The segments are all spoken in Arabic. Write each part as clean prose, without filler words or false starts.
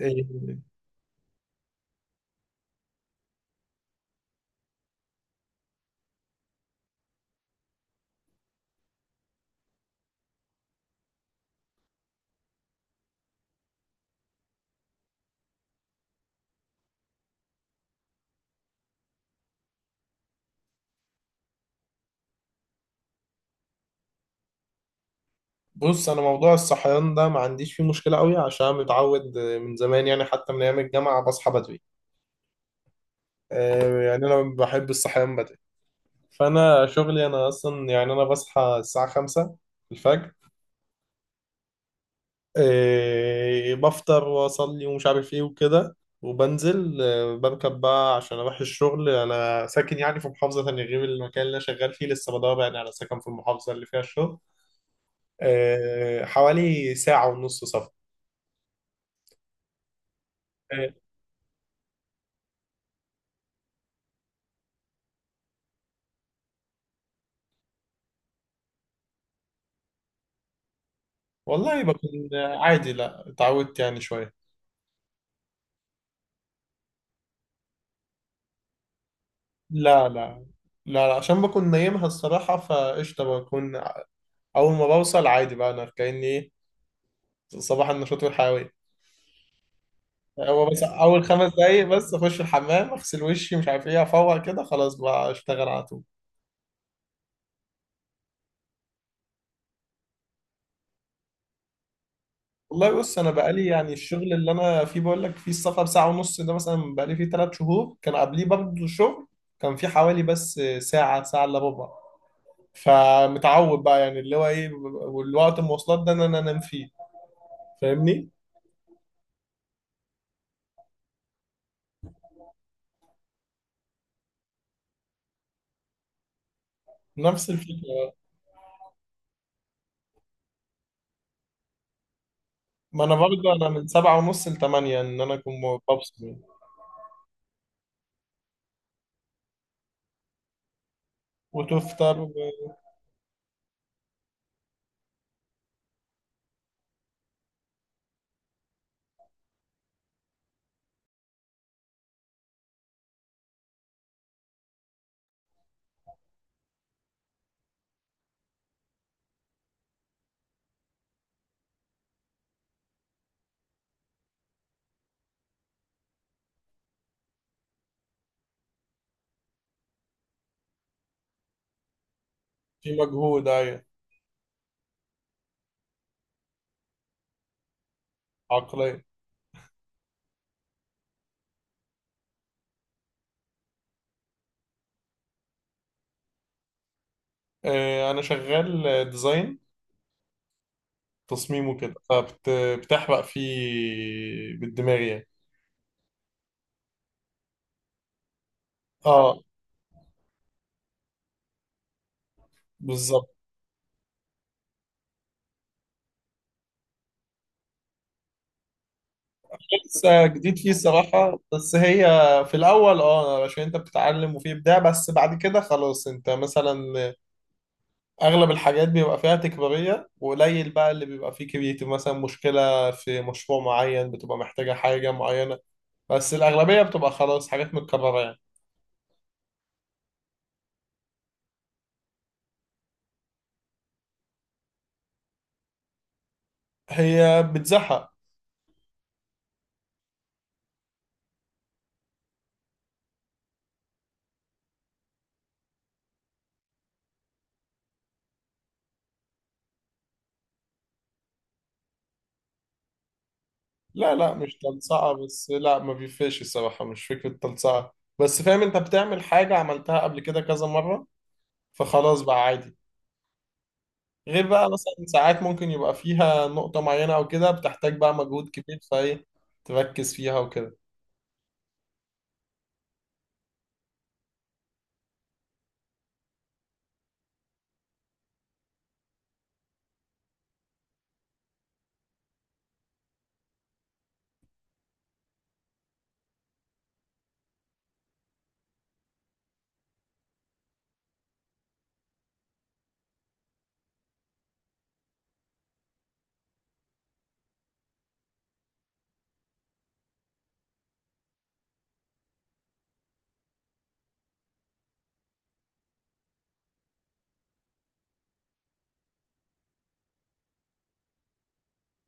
إيه، بص انا موضوع الصحيان ده ما عنديش فيه مشكله قوي عشان متعود من زمان يعني حتى من ايام الجامعه بصحى بدري. يعني انا بحب الصحيان بدري. فانا شغلي انا اصلا يعني انا بصحى الساعه 5 الفجر، بفطر واصلي ومش عارف ايه وكده، وبنزل بركب بقى عشان اروح الشغل. انا ساكن يعني في محافظه تانية غير المكان اللي انا شغال فيه، لسه بدور يعني على سكن في المحافظه اللي فيها الشغل. حوالي ساعه ونص سفر. آه، والله بكون عادي، لا اتعودت يعني شوية. لا لا. لا لا، عشان بكون نايمها الصراحة، فقشطة. بكون أول ما بوصل عادي بقى، أنا كأني إيه، صباح النشاط والحيوية. هو بس أول خمس دقايق، بس أخش الحمام أغسل وشي مش عارف إيه، أفوق كده خلاص بقى أشتغل على طول. والله بص، أنا بقالي يعني الشغل اللي أنا فيه بقول لك فيه السفر ساعة ونص ده، مثلا بقالي فيه ثلاث شهور، كان قبليه برضه شغل كان فيه حوالي بس ساعة، ساعة إلا ربع. فمتعود بقى يعني اللي هو ايه، والوقت المواصلات ده ان انا انام فيه. فاهمني؟ نفس الفكرة. ما انا برضه انا من سبعة ونص لتمانية ان انا اكون بفصل يعني. وتفطر. في مجهود ايوه. عقلية. انا شغال ديزاين، تصميم وكده، فبتحرق فيه بالدماغ يعني. اه بالظبط. لسه جديد فيه الصراحة، بس هي في الأول اه عشان أنت بتتعلم وفيه إبداع، بس بعد كده خلاص أنت مثلا اغلب الحاجات بيبقى فيها تكرارية، وقليل بقى اللي بيبقى فيه كرياتيف، مثلا مشكلة في مشروع معين بتبقى محتاجة حاجة معينة، بس الاغلبية بتبقى خلاص حاجات متكررة يعني. هي بتزهق. لا لا، مش تلصقة، بس لا ما بيفرقش الصراحة، مش فكرة تلصقة. بس فاهم انت بتعمل حاجة عملتها قبل كده كذا مرة، فخلاص بقى عادي. غير بقى مثلا ساعات ممكن يبقى فيها نقطة معينة او كده بتحتاج بقى مجهود كبير فايه، تركز فيها وكده.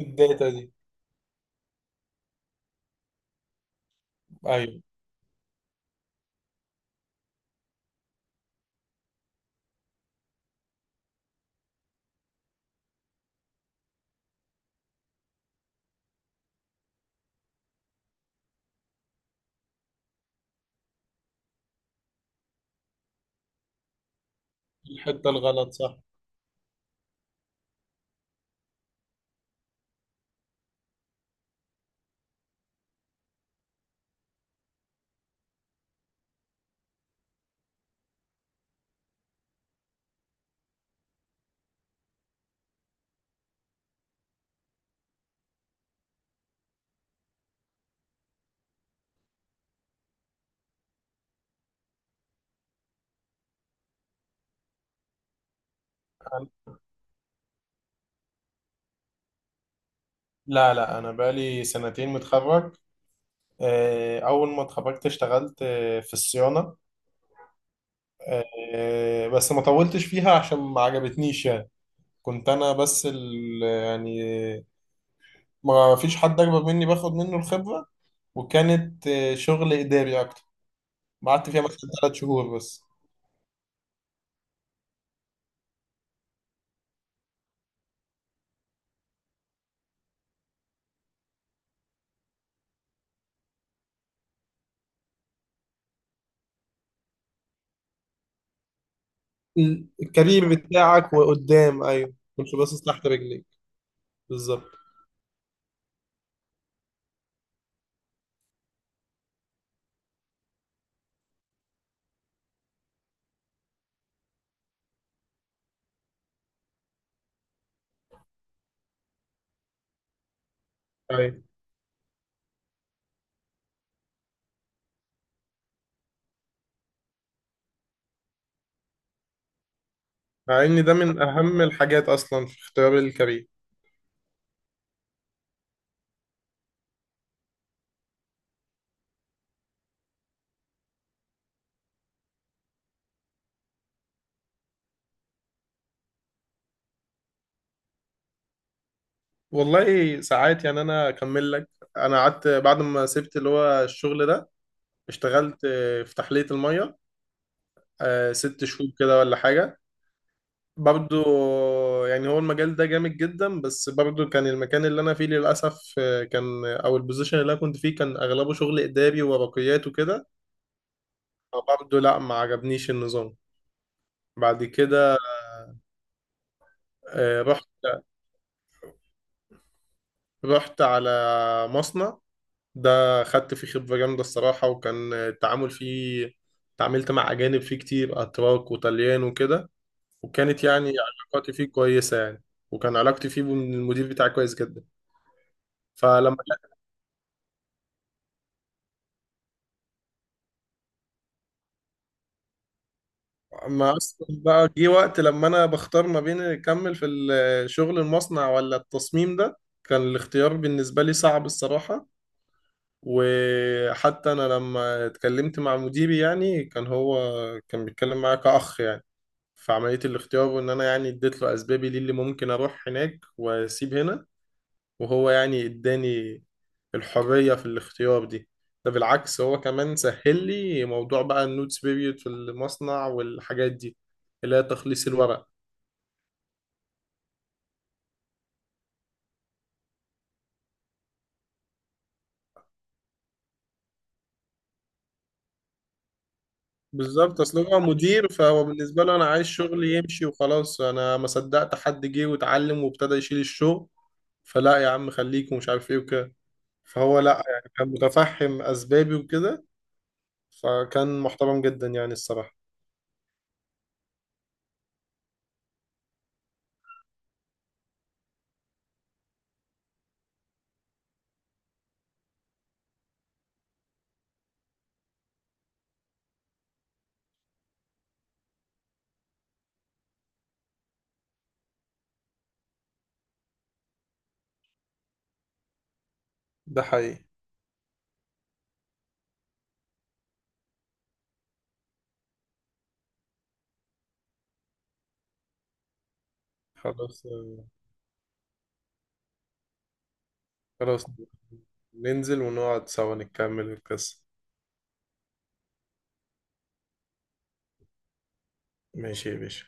الداتا دي. ايوه. الحتة الغلط صح. لا لا، أنا بقالي سنتين متخرج. أول ما اتخرجت اشتغلت في الصيانة. بس ما طولتش فيها عشان ما عجبتنيش يعني. كنت أنا بس ال يعني ما فيش حد أكبر مني باخد منه الخبرة، وكانت شغل إداري أكتر. قعدت فيها مثلا ثلاث شهور بس. الكارير بتاعك وقدام. أيوه كنت باصص تحت رجليك. بالظبط. أيوه. مع إن ده من أهم الحاجات أصلا في اختيار الكارير. والله ساعات يعني، انا اكمل لك. انا قعدت بعد ما سبت اللي هو الشغل ده، اشتغلت في تحلية المية، ست شهور كده ولا حاجة. برضو يعني هو المجال ده جامد جدا، بس برضو كان المكان اللي انا فيه للاسف كان او البوزيشن اللي انا كنت فيه كان اغلبه شغل اداري وورقيات وكده. فبرضو لا، ما عجبنيش النظام. بعد كده رحت، رحت على مصنع، ده خدت فيه خبرة جامدة الصراحة، وكان التعامل فيه، تعاملت مع أجانب فيه كتير، أتراك وطليان وكده، وكانت يعني علاقاتي فيه كويسة يعني. وكان علاقتي فيه بالمدير بتاعي كويس جدا. فلما ما أصلا بقى جه وقت لما أنا بختار ما بين أكمل في الشغل المصنع ولا التصميم ده، كان الاختيار بالنسبة لي صعب الصراحة. وحتى أنا لما اتكلمت مع مديري يعني كان هو كان بيتكلم معايا كأخ يعني في عملية الاختيار. وإن أنا يعني اديت له أسبابي ليه اللي ممكن أروح هناك وأسيب هنا، وهو يعني اداني الحرية في الاختيار دي. ده بالعكس، هو كمان سهل لي موضوع بقى النوتس بيريود في المصنع والحاجات دي، اللي هي تخليص الورق. بالظبط، اصل هو مدير فهو بالنسبة له انا عايز شغلي يمشي وخلاص، انا ما صدقت حد جه واتعلم وابتدى يشيل الشغل، فلا يا عم خليك ومش عارف ايه وكده. فهو لا يعني كان متفهم اسبابي وكده، فكان محترم جدا يعني الصراحة. ده حقيقي. خلاص. خلاص ننزل ونقعد سوا نكمل القصة. ماشي يا باشا.